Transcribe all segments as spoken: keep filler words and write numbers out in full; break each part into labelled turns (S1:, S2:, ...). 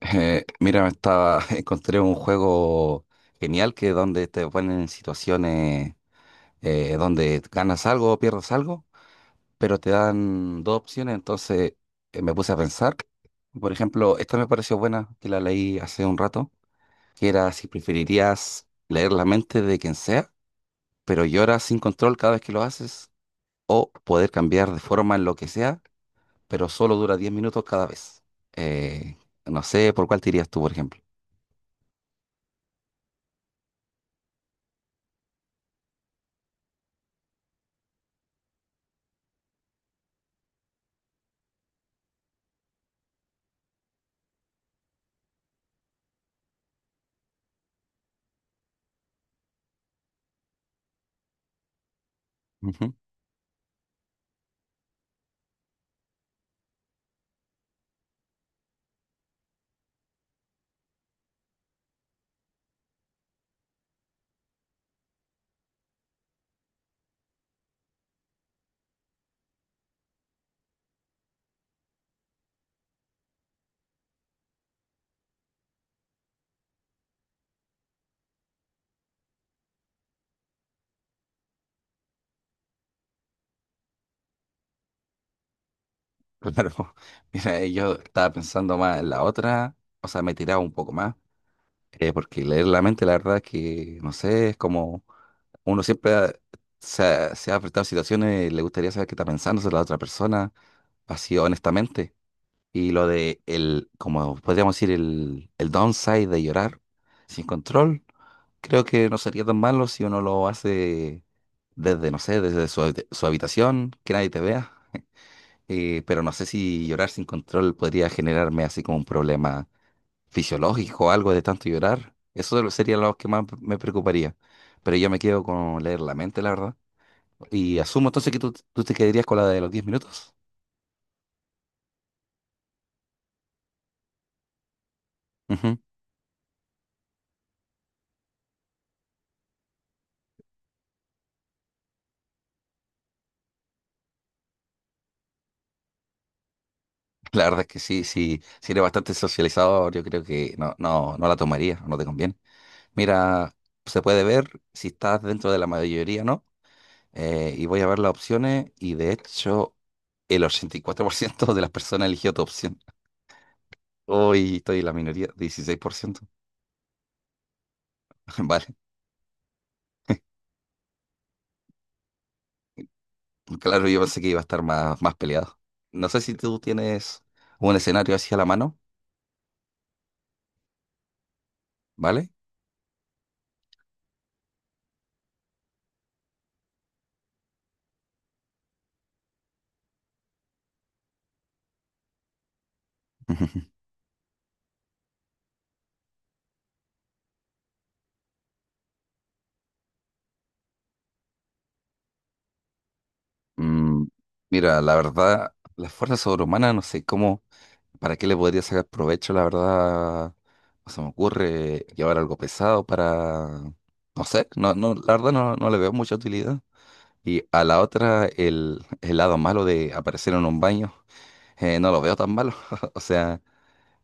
S1: Eh, mira, estaba, encontré un juego genial que donde te ponen en situaciones eh, donde ganas algo o pierdes algo, pero te dan dos opciones, entonces eh, me puse a pensar. Por ejemplo, esta me pareció buena, que la leí hace un rato, que era si preferirías leer la mente de quien sea, pero lloras sin control cada vez que lo haces, o poder cambiar de forma en lo que sea, pero solo dura diez minutos cada vez. Eh, no sé por cuál te irías tú, por ejemplo. Claro, mira, eh, yo estaba pensando más en la otra, o sea, me tiraba un poco más, eh, porque leer la mente, la verdad es que, no sé, es como uno siempre ha- se ha, se ha enfrentado a situaciones, le gustaría saber qué está pensando sobre la otra persona, así honestamente. Y lo de el, como podríamos decir, el, el downside de llorar sin control, creo que no sería tan malo si uno lo hace desde, no sé, desde su, su habitación, que nadie te vea. Eh, pero no sé si llorar sin control podría generarme así como un problema fisiológico o algo de tanto llorar. Eso lo- sería lo que más me preocuparía. Pero yo me quedo con leer la mente, la verdad. Y asumo entonces que tú, tú te quedarías con la de los diez minutos. Ujú. La verdad es que sí, sí, si eres bastante socializador, yo creo que no, no, no la tomaría, no te conviene. Mira, se puede ver si estás dentro de la mayoría, ¿no? Eh, y voy a ver las opciones y de hecho el ochenta y cuatro por ciento de las personas eligió tu opción. Hoy estoy en la minoría, dieciséis por ciento. Vale, claro, yo pensé que iba a estar más, más peleado. No sé si tú tienes un escenario así a la mano, ¿vale? Mm, mira, la verdad, las fuerzas sobrehumanas, no sé cómo, para qué le podría sacar provecho, la verdad, no se me ocurre llevar algo pesado para, no sé, no, no, la verdad no, no le veo mucha utilidad. Y a la otra, el, el lado malo de aparecer en un baño, eh, no lo veo tan malo. O sea,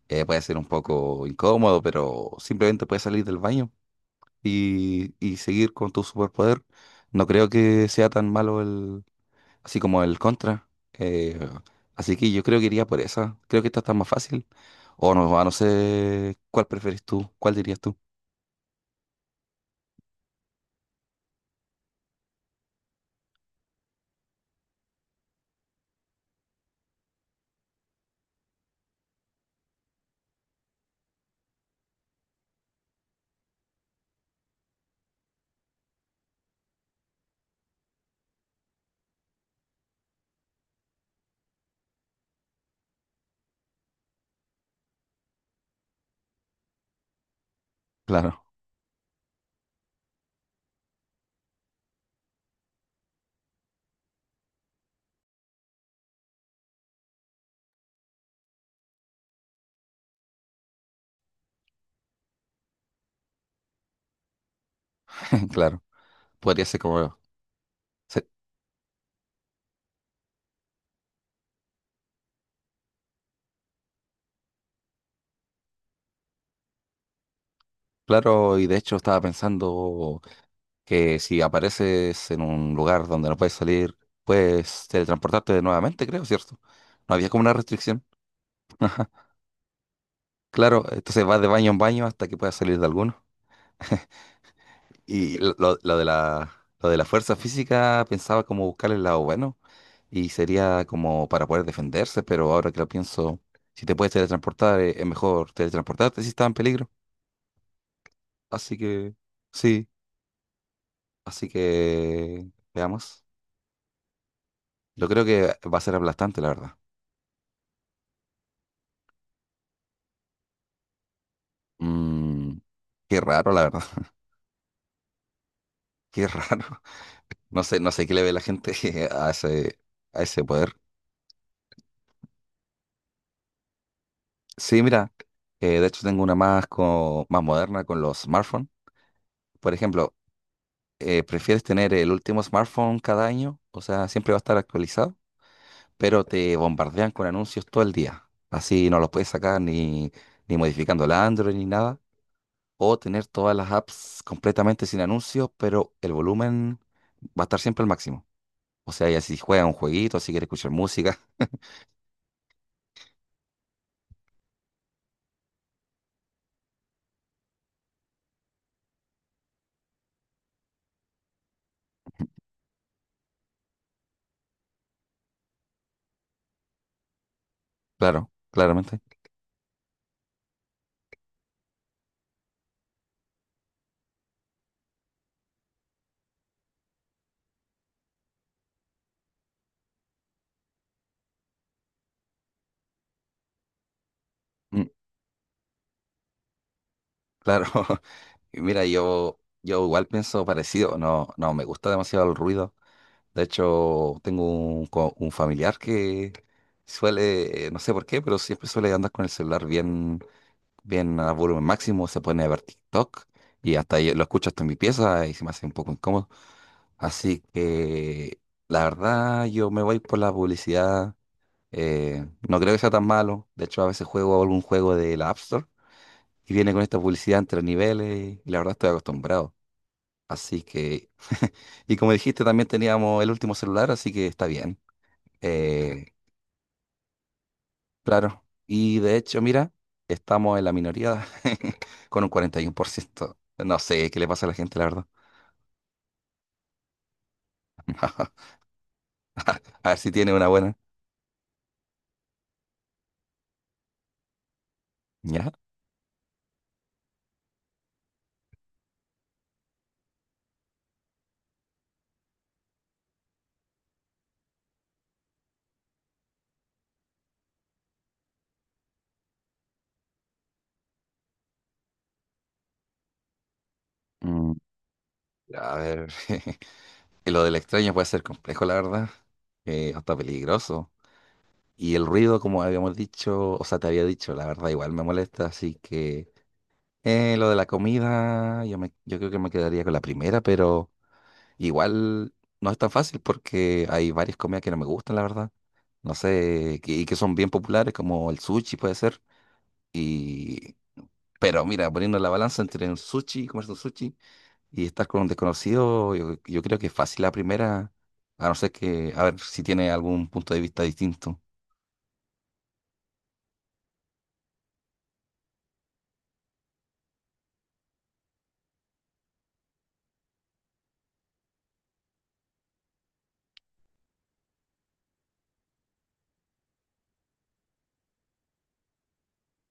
S1: Eh, puede ser un poco incómodo, pero simplemente puedes salir del baño y, y seguir con tu superpoder. No creo que sea tan malo el, así como el contra. Eh, así que yo creo que iría por esa. Creo que esta está más fácil. O no, a no sé cuál preferís tú, cuál dirías tú. Claro, claro. Podría ser como... se- Claro, y de hecho estaba pensando que si apareces en un lugar donde no puedes salir, puedes teletransportarte nuevamente, creo, ¿cierto? No había como una restricción. Ajá, claro, entonces vas de baño en baño hasta que puedas salir de alguno. Y lo, lo- lo de la, lo de la fuerza física pensaba como buscar el lado bueno y sería como para poder defenderse, pero ahora que lo pienso, si te puedes teletransportar, eh, es mejor teletransportarte si estás en peligro. Así que, sí, así que veamos. Yo creo que va a ser aplastante, la verdad. Mm, qué raro, la verdad. Qué raro. No sé, no sé qué le ve la gente a ese, a ese poder. Sí, mira, eh, de hecho tengo una más, co- más moderna con los smartphones. Por ejemplo, eh, ¿prefieres tener el último smartphone cada año? O sea, siempre va a estar actualizado, pero te bombardean con anuncios todo el día. Así no los puedes sacar ni, ni modificando el Android ni nada. O tener todas las apps completamente sin anuncios, pero el volumen va a estar siempre al máximo. O sea, ya si juegas un jueguito, si quieres escuchar música. Claro, claramente. Mm, claro. Y mira, yo, yo igual pienso parecido, no, no me gusta demasiado el ruido. De hecho, tengo un, co- un familiar que suele, eh, no sé por qué, pero siempre suele andar con el celular bien, bien a volumen máximo, se pone a ver TikTok y hasta yo lo escucho hasta en mi pieza y se me hace un poco incómodo. Así que la verdad yo me voy por la publicidad. eh, no creo que sea tan malo. De hecho, a veces juego algún juego de la App Store y viene con esta publicidad entre niveles y la verdad estoy acostumbrado. Así que, y como dijiste, también teníamos el último celular, así que está bien. Eh, claro. Y de hecho, mira, estamos en la minoría con un cuarenta y uno por ciento. No sé qué le pasa a la gente, la verdad. A ver si tiene una buena. ¿Ya? Mm, a ver, lo del extraño puede ser complejo, la verdad. Eh, hasta peligroso. Y el ruido, como habíamos dicho, o sea, te había dicho, la verdad, igual me molesta, así que. Eh, lo de la comida, yo, me, yo creo que me quedaría con la primera, pero. Igual no es tan fácil porque hay varias comidas que no me gustan, la verdad. No sé, que, y que son bien populares, como el sushi puede ser. Y. Pero mira, poniendo la balanza entre el sushi, comerse un sushi y estar con un desconocido, yo, yo creo que es fácil la primera, a no ser que, a ver si tiene algún punto de vista distinto.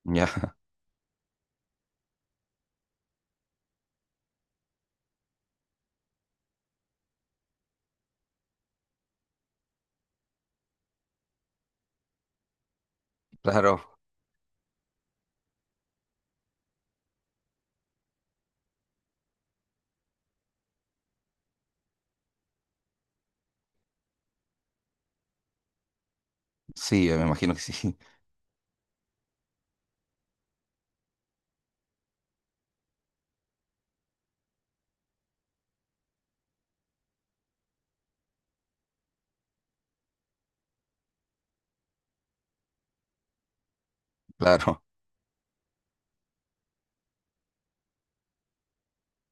S1: Ya, claro, sí, me imagino que sí, claro,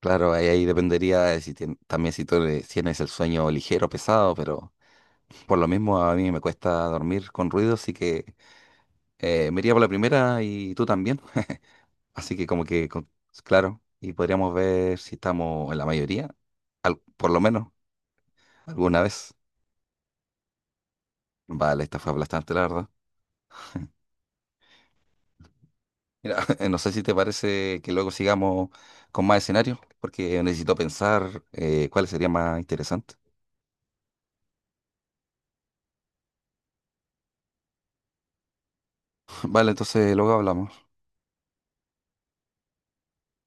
S1: claro, ahí, ahí dependería de si tien- también si tú le- si tienes el sueño ligero o pesado, pero. Por lo mismo, a mí me cuesta dormir con ruido, así que eh, me iría por la primera y tú también. Así que como que, con- claro, y podríamos ver si estamos en la mayoría, al- por lo menos alguna vez. Vale, esta fue aplastante, la verdad. Mira, no sé si te parece que luego sigamos con más escenarios, porque necesito pensar eh, cuáles serían más interesantes. Vale, entonces luego hablamos.